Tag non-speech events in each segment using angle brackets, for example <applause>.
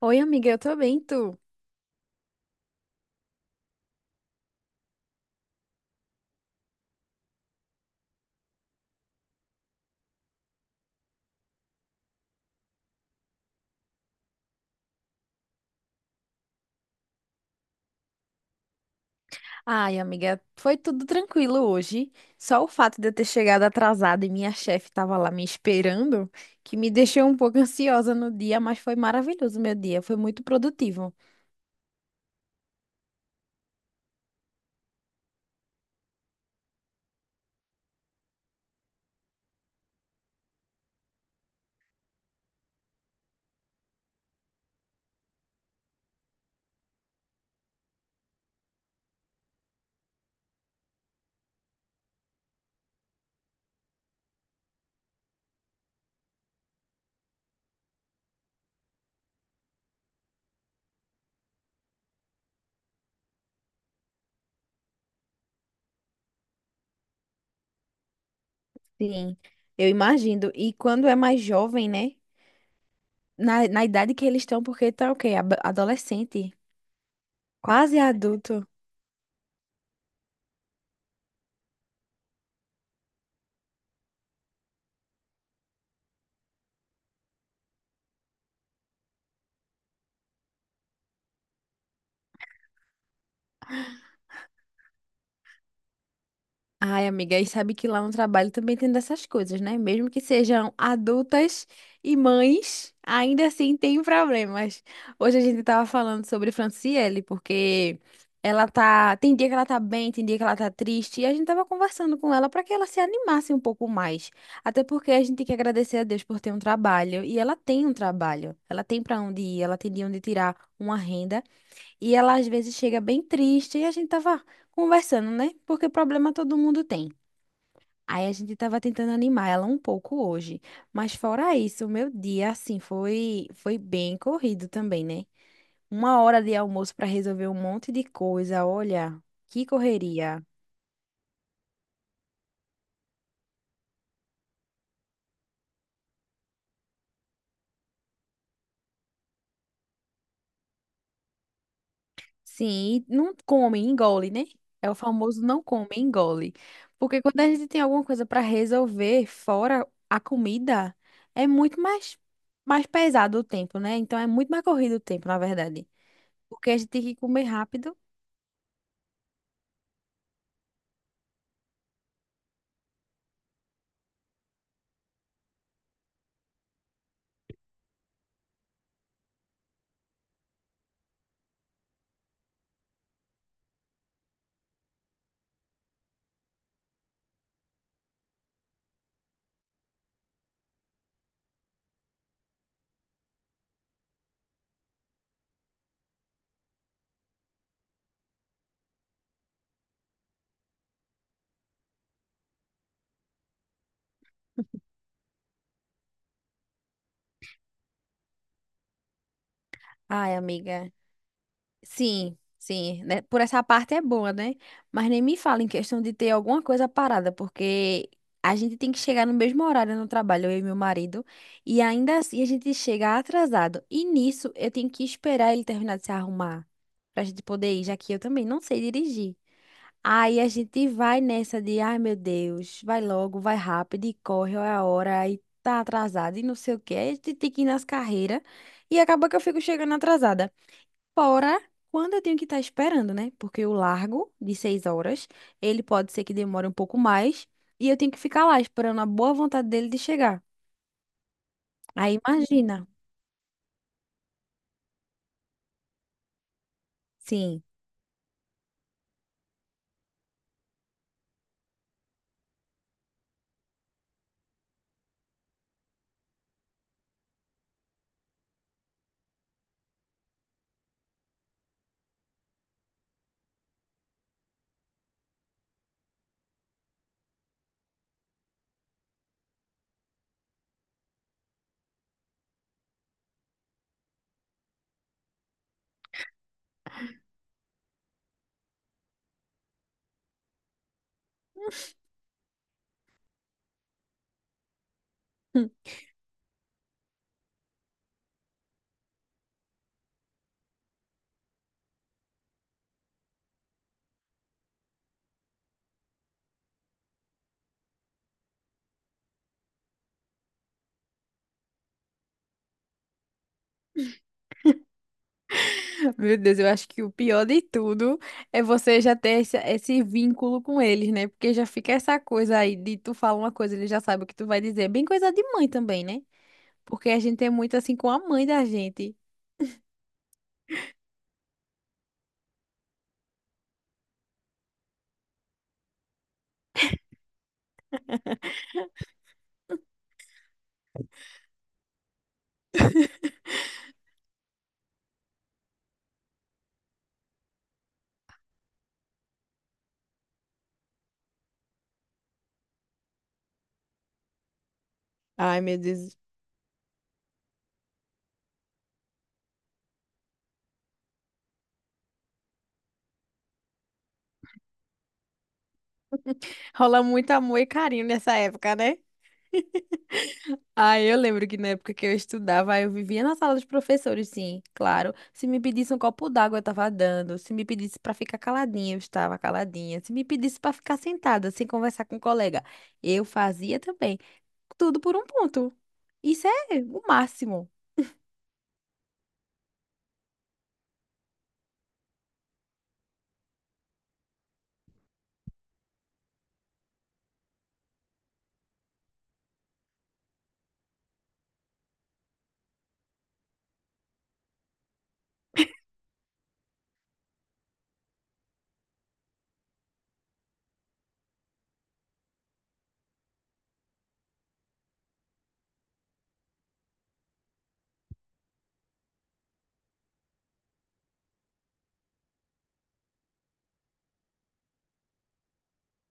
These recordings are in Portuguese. Oi, amiga, eu tô bem, tu? Ai, amiga, foi tudo tranquilo hoje. Só o fato de eu ter chegado atrasada e minha chefe tava lá me esperando, que me deixou um pouco <laughs> ansiosa no dia, mas foi maravilhoso o meu dia, foi muito produtivo. Sim, eu imagino. E quando é mais jovem, né? Na idade que eles estão, porque tá o quê? Ab- Adolescente, quase adulto. Ai, amiga, e sabe que lá no trabalho também tem dessas coisas, né? Mesmo que sejam adultas e mães, ainda assim tem problemas. Hoje a gente tava falando sobre Franciele, porque ela tá, tem dia que ela tá bem, tem dia que ela tá triste, e a gente tava conversando com ela para que ela se animasse um pouco mais. Até porque a gente tem que agradecer a Deus por ter um trabalho, e ela tem um trabalho. Ela tem para onde ir, ela tem de onde tirar uma renda. E ela às vezes chega bem triste e a gente tava conversando, né? Porque problema todo mundo tem. Aí a gente tava tentando animar ela um pouco hoje, mas fora isso, o meu dia assim foi bem corrido também, né? Uma hora de almoço para resolver um monte de coisa, olha, que correria. Sim, e não come, engole, né? É o famoso não come, engole. Porque quando a gente tem alguma coisa para resolver fora a comida, é muito mais pesado o tempo, né? Então é muito mais corrido o tempo, na verdade. Porque a gente tem que comer rápido. Ai, amiga. Sim, sim, né? Por essa parte é boa, né? Mas nem me fala em questão de ter alguma coisa parada, porque a gente tem que chegar no mesmo horário no trabalho, eu e meu marido, e ainda assim a gente chega atrasado. E nisso eu tenho que esperar ele terminar de se arrumar pra gente poder ir, já que eu também não sei dirigir. Aí a gente vai nessa de, ai meu Deus, vai logo, vai rápido e corre, olha a hora, aí tá atrasado e não sei o quê. Aí a gente tem que ir nas carreiras e acaba que eu fico chegando atrasada. Fora quando eu tenho que estar esperando, né? Porque o largo de 6 horas, ele pode ser que demore um pouco mais e eu tenho que ficar lá esperando a boa vontade dele de chegar. Aí imagina. Sim. <laughs> Meu Deus, eu acho que o pior de tudo é você já ter esse vínculo com eles, né? Porque já fica essa coisa aí de tu falar uma coisa, ele já sabe o que tu vai dizer. Bem coisa de mãe também, né? Porque a gente é muito assim com a mãe da gente. Ai, meu Deus. Rola muito amor e carinho nessa época, né? Ah, eu lembro que na época que eu estudava, eu vivia na sala dos professores, sim, claro. Se me pedisse um copo d'água, eu estava dando. Se me pedisse para ficar caladinha, eu estava caladinha. Se me pedisse para ficar sentada, sem conversar com o colega, eu fazia também. Tudo por um ponto. Isso é o máximo.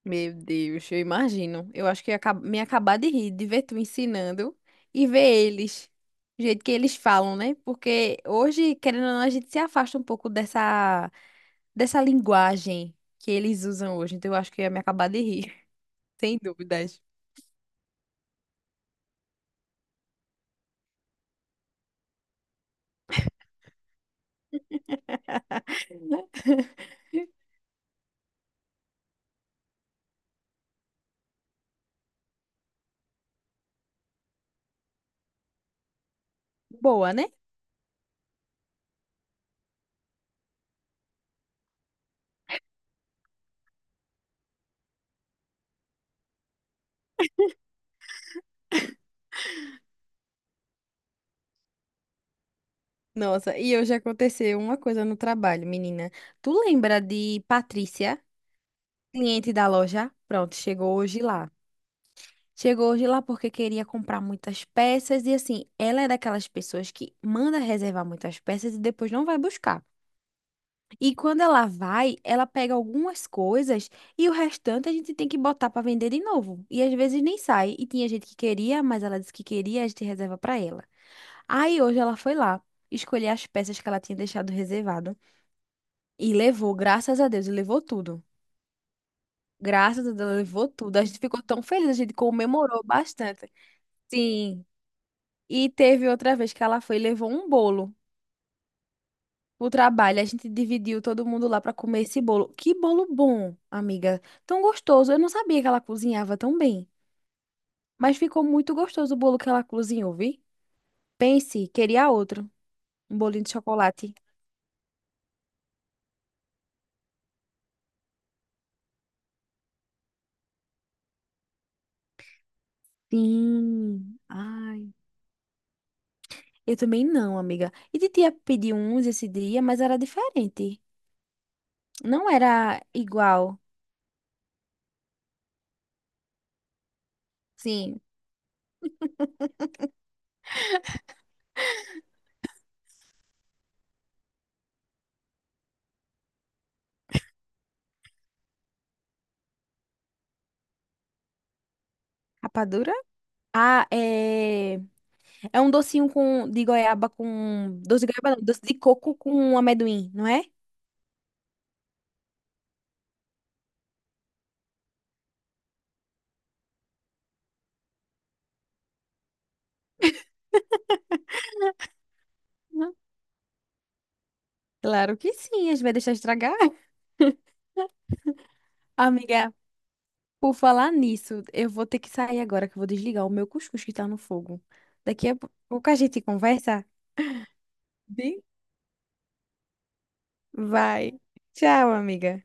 Meu Deus, eu imagino. Eu acho que ia acab- me acabar de rir, de ver tu ensinando e ver eles. Do jeito que eles falam, né? Porque hoje, querendo ou não, a gente se afasta um pouco dessa. Dessa linguagem que eles usam hoje. Então eu acho que eu ia me acabar de rir, <laughs> sem dúvidas. <laughs> Boa, né? Nossa, e hoje aconteceu uma coisa no trabalho, menina. Tu lembra de Patrícia, cliente da loja? Pronto, chegou hoje lá. Chegou hoje lá porque queria comprar muitas peças e assim, ela é daquelas pessoas que manda reservar muitas peças e depois não vai buscar. E quando ela vai, ela pega algumas coisas e o restante a gente tem que botar para vender de novo. E às vezes nem sai. E tinha gente que queria, mas ela disse que queria, a gente reserva para ela. Aí hoje ela foi lá, escolher as peças que ela tinha deixado reservado e levou, graças a Deus, e levou tudo. Graças a Deus, ela levou tudo. A gente ficou tão feliz, a gente comemorou bastante. Sim. E teve outra vez que ela foi e levou um bolo. O trabalho, a gente dividiu todo mundo lá para comer esse bolo. Que bolo bom, amiga. Tão gostoso. Eu não sabia que ela cozinhava tão bem. Mas ficou muito gostoso o bolo que ela cozinhou, vi? Pense, queria outro. Um bolinho de chocolate. Sim. Ai. Eu também não, amiga. E titia pediu uns esse dia, mas era diferente. Não era igual. Sim. Rapadura? Ah, é. É um docinho com... de goiaba com. Doce de goiaba, não. Doce de coco com amendoim, não é? Claro que sim, a gente vai deixar estragar. <laughs> Amiga, por falar nisso, eu vou ter que sair agora, que eu vou desligar o meu cuscuz que tá no fogo. Daqui a pouco a gente conversa? Bem, vai. Tchau, amiga.